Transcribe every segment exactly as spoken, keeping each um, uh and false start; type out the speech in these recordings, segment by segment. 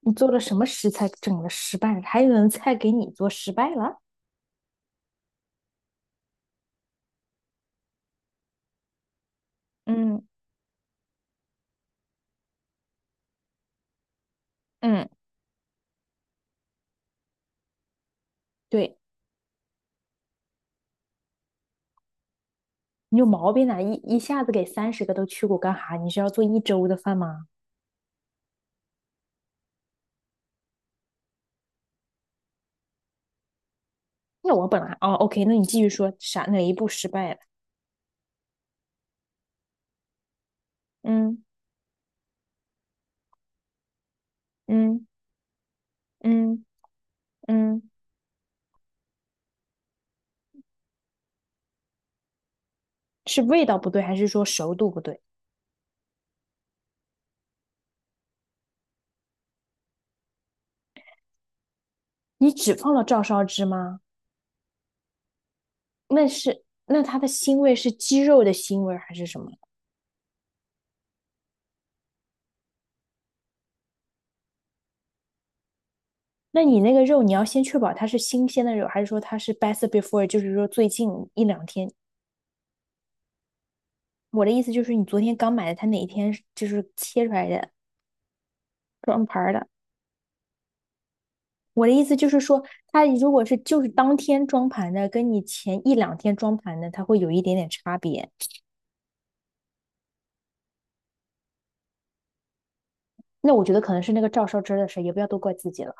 你做了什么食材整了失败了？还有人菜给你做失败了？嗯嗯，对，你有毛病啊！一一下子给三十个都去过干哈？你是要做一周的饭吗？那我本来哦，OK，那你继续说啥？哪一步失败了？嗯嗯嗯嗯，是味道不对，还是说熟度不对？你只放了照烧汁吗？那是，那它的腥味是鸡肉的腥味还是什么？那你那个肉，你要先确保它是新鲜的肉，还是说它是 best before，就是说最近一两天。我的意思就是你昨天刚买的，它哪一天是就是切出来的装盘儿的？我的意思就是说，它如果是就是当天装盘的，跟你前一两天装盘的，它会有一点点差别。那我觉得可能是那个照烧汁儿的事，也不要都怪自己了。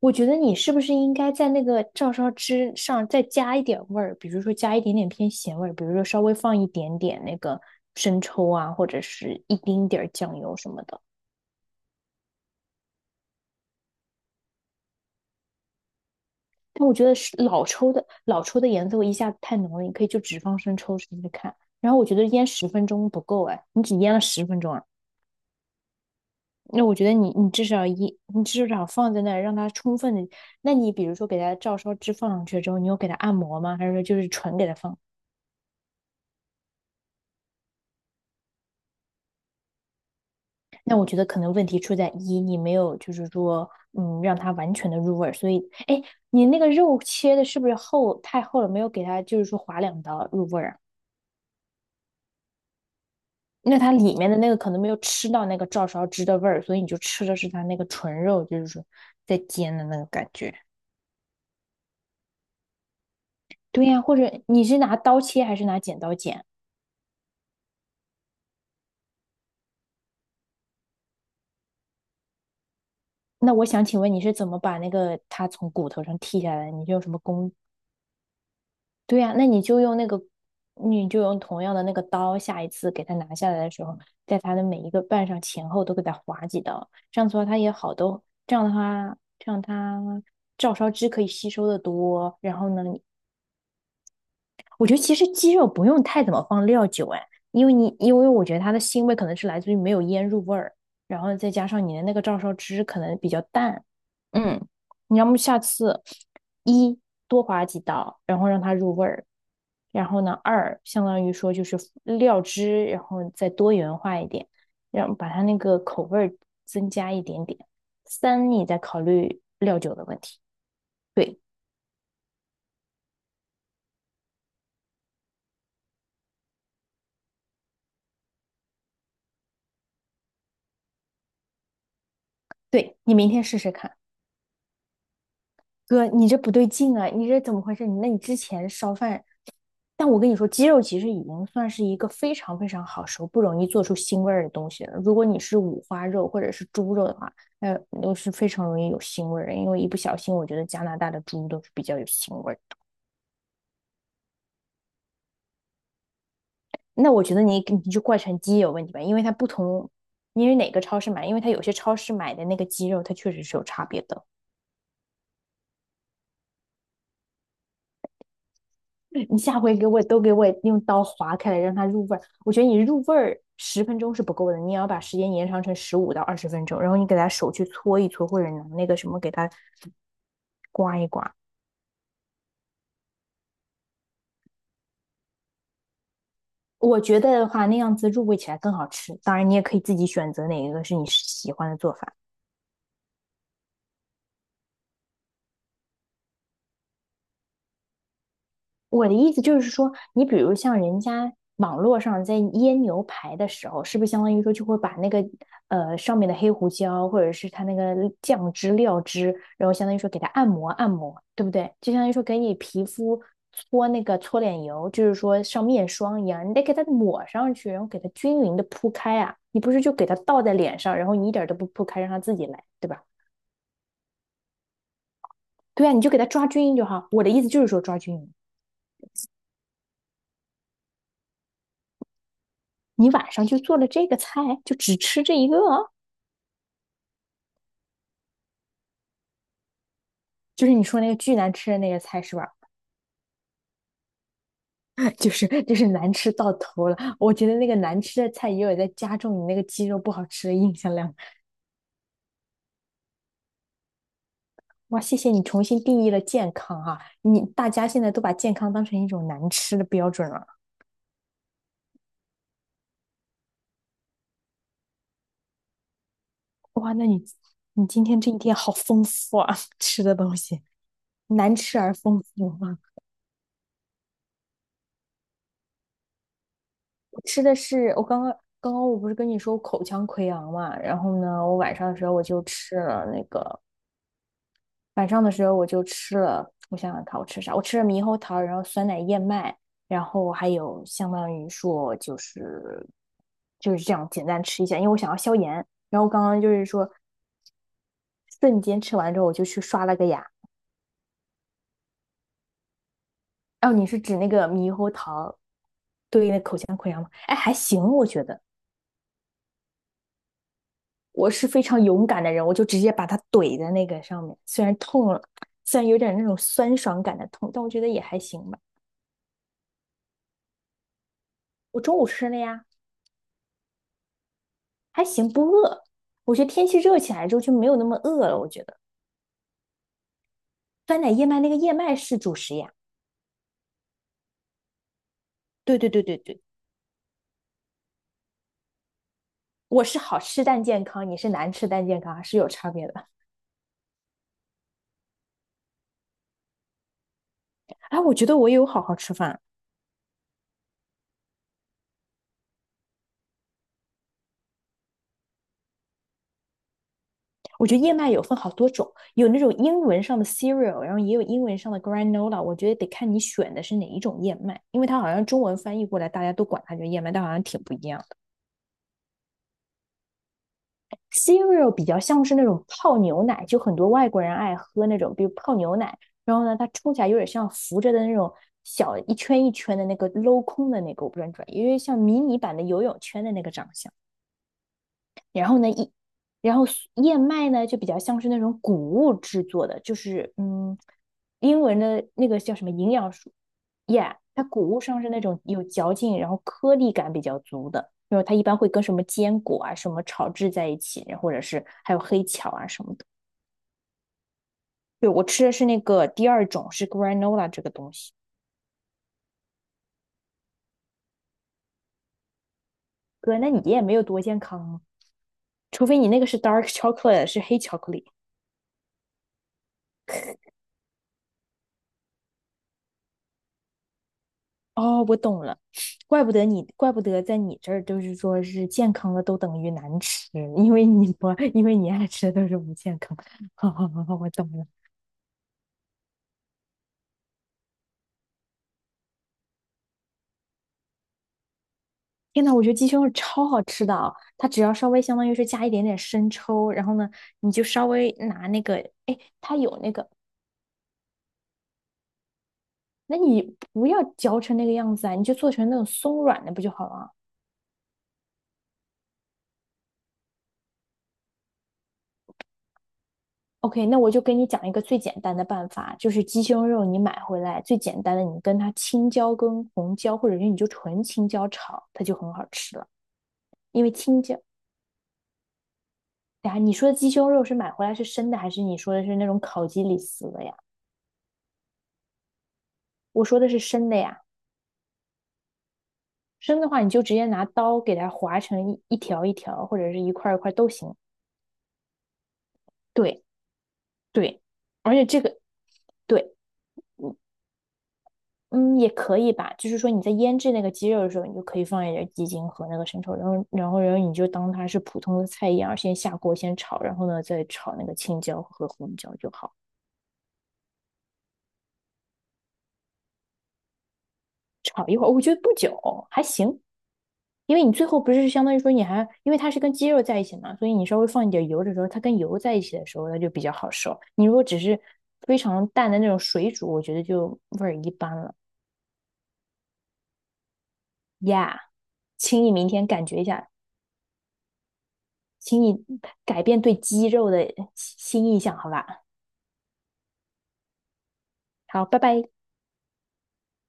我觉得你是不是应该在那个照烧汁上再加一点味儿，比如说加一点点偏咸味儿，比如说稍微放一点点那个生抽啊，或者是一丁点儿酱油什么的。但我觉得是老抽的老抽的颜色我一下子太浓了，你可以就只放生抽试试看。然后我觉得腌十分钟不够哎，你只腌了十分钟啊，那我觉得你你至少一你至少放在那儿让它充分的。那你比如说给它照烧汁放上去之后，你有给它按摩吗？还是说就是纯给它放？那我觉得可能问题出在一你没有就是说嗯让它完全的入味儿，所以哎，你那个肉切的是不是厚太厚了，没有给它就是说划两刀入味儿啊？那它里面的那个可能没有吃到那个照烧汁的味儿，所以你就吃的是它那个纯肉，就是说在煎的那个感觉。对呀，或者你是拿刀切还是拿剪刀剪？那我想请问你是怎么把那个它从骨头上剔下来，你就用什么工？对呀，那你就用那个，你就用同样的那个刀，下一次给它拿下来的时候，在它的每一个瓣上前后都给它划几刀，这样子的话它也好多，这样的话，这样它照烧汁可以吸收的多。然后呢，我觉得其实鸡肉不用太怎么放料酒哎，因为你因为我觉得它的腥味可能是来自于没有腌入味儿，然后再加上你的那个照烧汁可能比较淡。嗯，你要么下次一多划几刀，然后让它入味儿，然后呢二相当于说就是料汁，然后再多元化一点，让把它那个口味儿增加一点点，三你再考虑料酒的问题。对，对，你明天试试看。哥，你这不对劲啊！你这怎么回事？你那你之前烧饭，但我跟你说，鸡肉其实已经算是一个非常非常好熟、不容易做出腥味儿的东西了。如果你是五花肉或者是猪肉的话，那都是非常容易有腥味儿的。因为一不小心，我觉得加拿大的猪都是比较有腥味儿的。那我觉得你你就怪成鸡有问题吧，因为它不同，因为哪个超市买，因为它有些超市买的那个鸡肉，它确实是有差别的。你下回给我都给我用刀划开来，让它入味儿。我觉得你入味儿十分钟是不够的，你也要把时间延长成十五到二十分钟，然后你给它手去搓一搓，或者拿那个什么给它刮一刮。我觉得的话，那样子入味起来更好吃。当然，你也可以自己选择哪一个是你喜欢的做法。我的意思就是说，你比如像人家网络上在腌牛排的时候，是不是相当于说就会把那个呃上面的黑胡椒或者是它那个酱汁料汁，然后相当于说给它按摩按摩，对不对？就相当于说给你皮肤搓那个搓脸油，就是说像面霜一样，你得给它抹上去，然后给它均匀的铺开啊。你不是就给它倒在脸上，然后你一点儿都不铺开，让它自己来，对吧？对啊，你就给它抓均匀就好。我的意思就是说抓均匀。你晚上就做了这个菜，就只吃这一个哦，就是你说那个巨难吃的那个菜是吧？就是就是难吃到头了。我觉得那个难吃的菜也有在加重你那个鸡肉不好吃的印象量。哇，谢谢你重新定义了健康啊！你大家现在都把健康当成一种难吃的标准了。哇，那你你今天这一天好丰富啊，吃的东西难吃而丰富啊！我吃的是我刚刚。刚刚我不是跟你说我口腔溃疡嘛，然后呢，我晚上的时候我就吃了那个晚上的时候我就吃了，我想想看我吃啥，我吃了猕猴桃，然后酸奶燕麦，然后还有相当于说就是就是这样简单吃一下，因为我想要消炎。然后刚刚就是说瞬间吃完之后我就去刷了个牙。哦，你是指那个猕猴桃？对，哎，还行，我觉得我是非常勇敢的人，我就直接把它怼在那个上面，虽然痛了，虽然有点那种酸爽感的痛，但我觉得也还行吧。我中午吃了呀。还行，不饿。我觉得天气热起来之后就没有那么饿了。我觉得酸奶燕麦那个燕麦是主食呀。对对对对对，我是好吃但健康，你是难吃但健康，是有差别的。哎，我觉得我也有好好吃饭。我觉得燕麦有分好多种，有那种英文上的 cereal，然后也有英文上的 granola。我觉得得看你选的是哪一种燕麦，因为它好像中文翻译过来，大家都管它叫燕麦，但好像挺不一样的。cereal 比较像是那种泡牛奶，就很多外国人爱喝那种，比如泡牛奶。然后呢，它冲起来有点像浮着的那种小一圈一圈的那个镂空的那个，我不知道你知道，因为像迷你版的游泳圈的那个长相。然后呢，一然后苏燕麦呢就比较像是那种谷物制作的，就是嗯，英文的那个叫什么营养素，yeah，它谷物上是那种有嚼劲，然后颗粒感比较足的，因为它一般会跟什么坚果啊什么炒制在一起，或者是还有黑巧啊什么的。对，我吃的是那个第二种，是 granola 这个东西。哥，那你也没有多健康啊，除非你那个是 dark chocolate，是黑巧克力。哦，我懂了，怪不得你，怪不得在你这儿就是说是健康的都等于难吃，因为你不，因为你爱吃的都是不健康。好好好好，我懂了。天呐，我觉得鸡胸肉超好吃的啊，它只要稍微相当于是加一点点生抽，然后呢，你就稍微拿那个，哎，它有那个，那你不要嚼成那个样子啊，你就做成那种松软的不就好了啊？OK，那我就跟你讲一个最简单的办法，就是鸡胸肉你买回来最简单的，你跟它青椒跟红椒，或者是你就纯青椒炒，它就很好吃了。因为青椒，哎呀，你说的鸡胸肉是买回来是生的，还是你说的是那种烤鸡里撕的呀？我说的是生的呀，生的话你就直接拿刀给它划成一一条一条，或者是一块一块都行。对，对，而且这个，对。嗯，也可以吧，就是说你在腌制那个鸡肉的时候，你就可以放一点鸡精和那个生抽，然后，然后，然后你就当它是普通的菜一样，先下锅先炒，然后呢再炒那个青椒和红椒就好。炒一会儿，我觉得不久，还行，因为你最后不是相当于说你还，因为它是跟鸡肉在一起嘛，所以你稍微放一点油的时候，它跟油在一起的时候，它就比较好熟。你如果只是非常淡的那种水煮，我觉得就味儿一般了呀。Yeah，请你明天感觉一下，请你改变对肌肉的新印象，好吧？好，拜拜。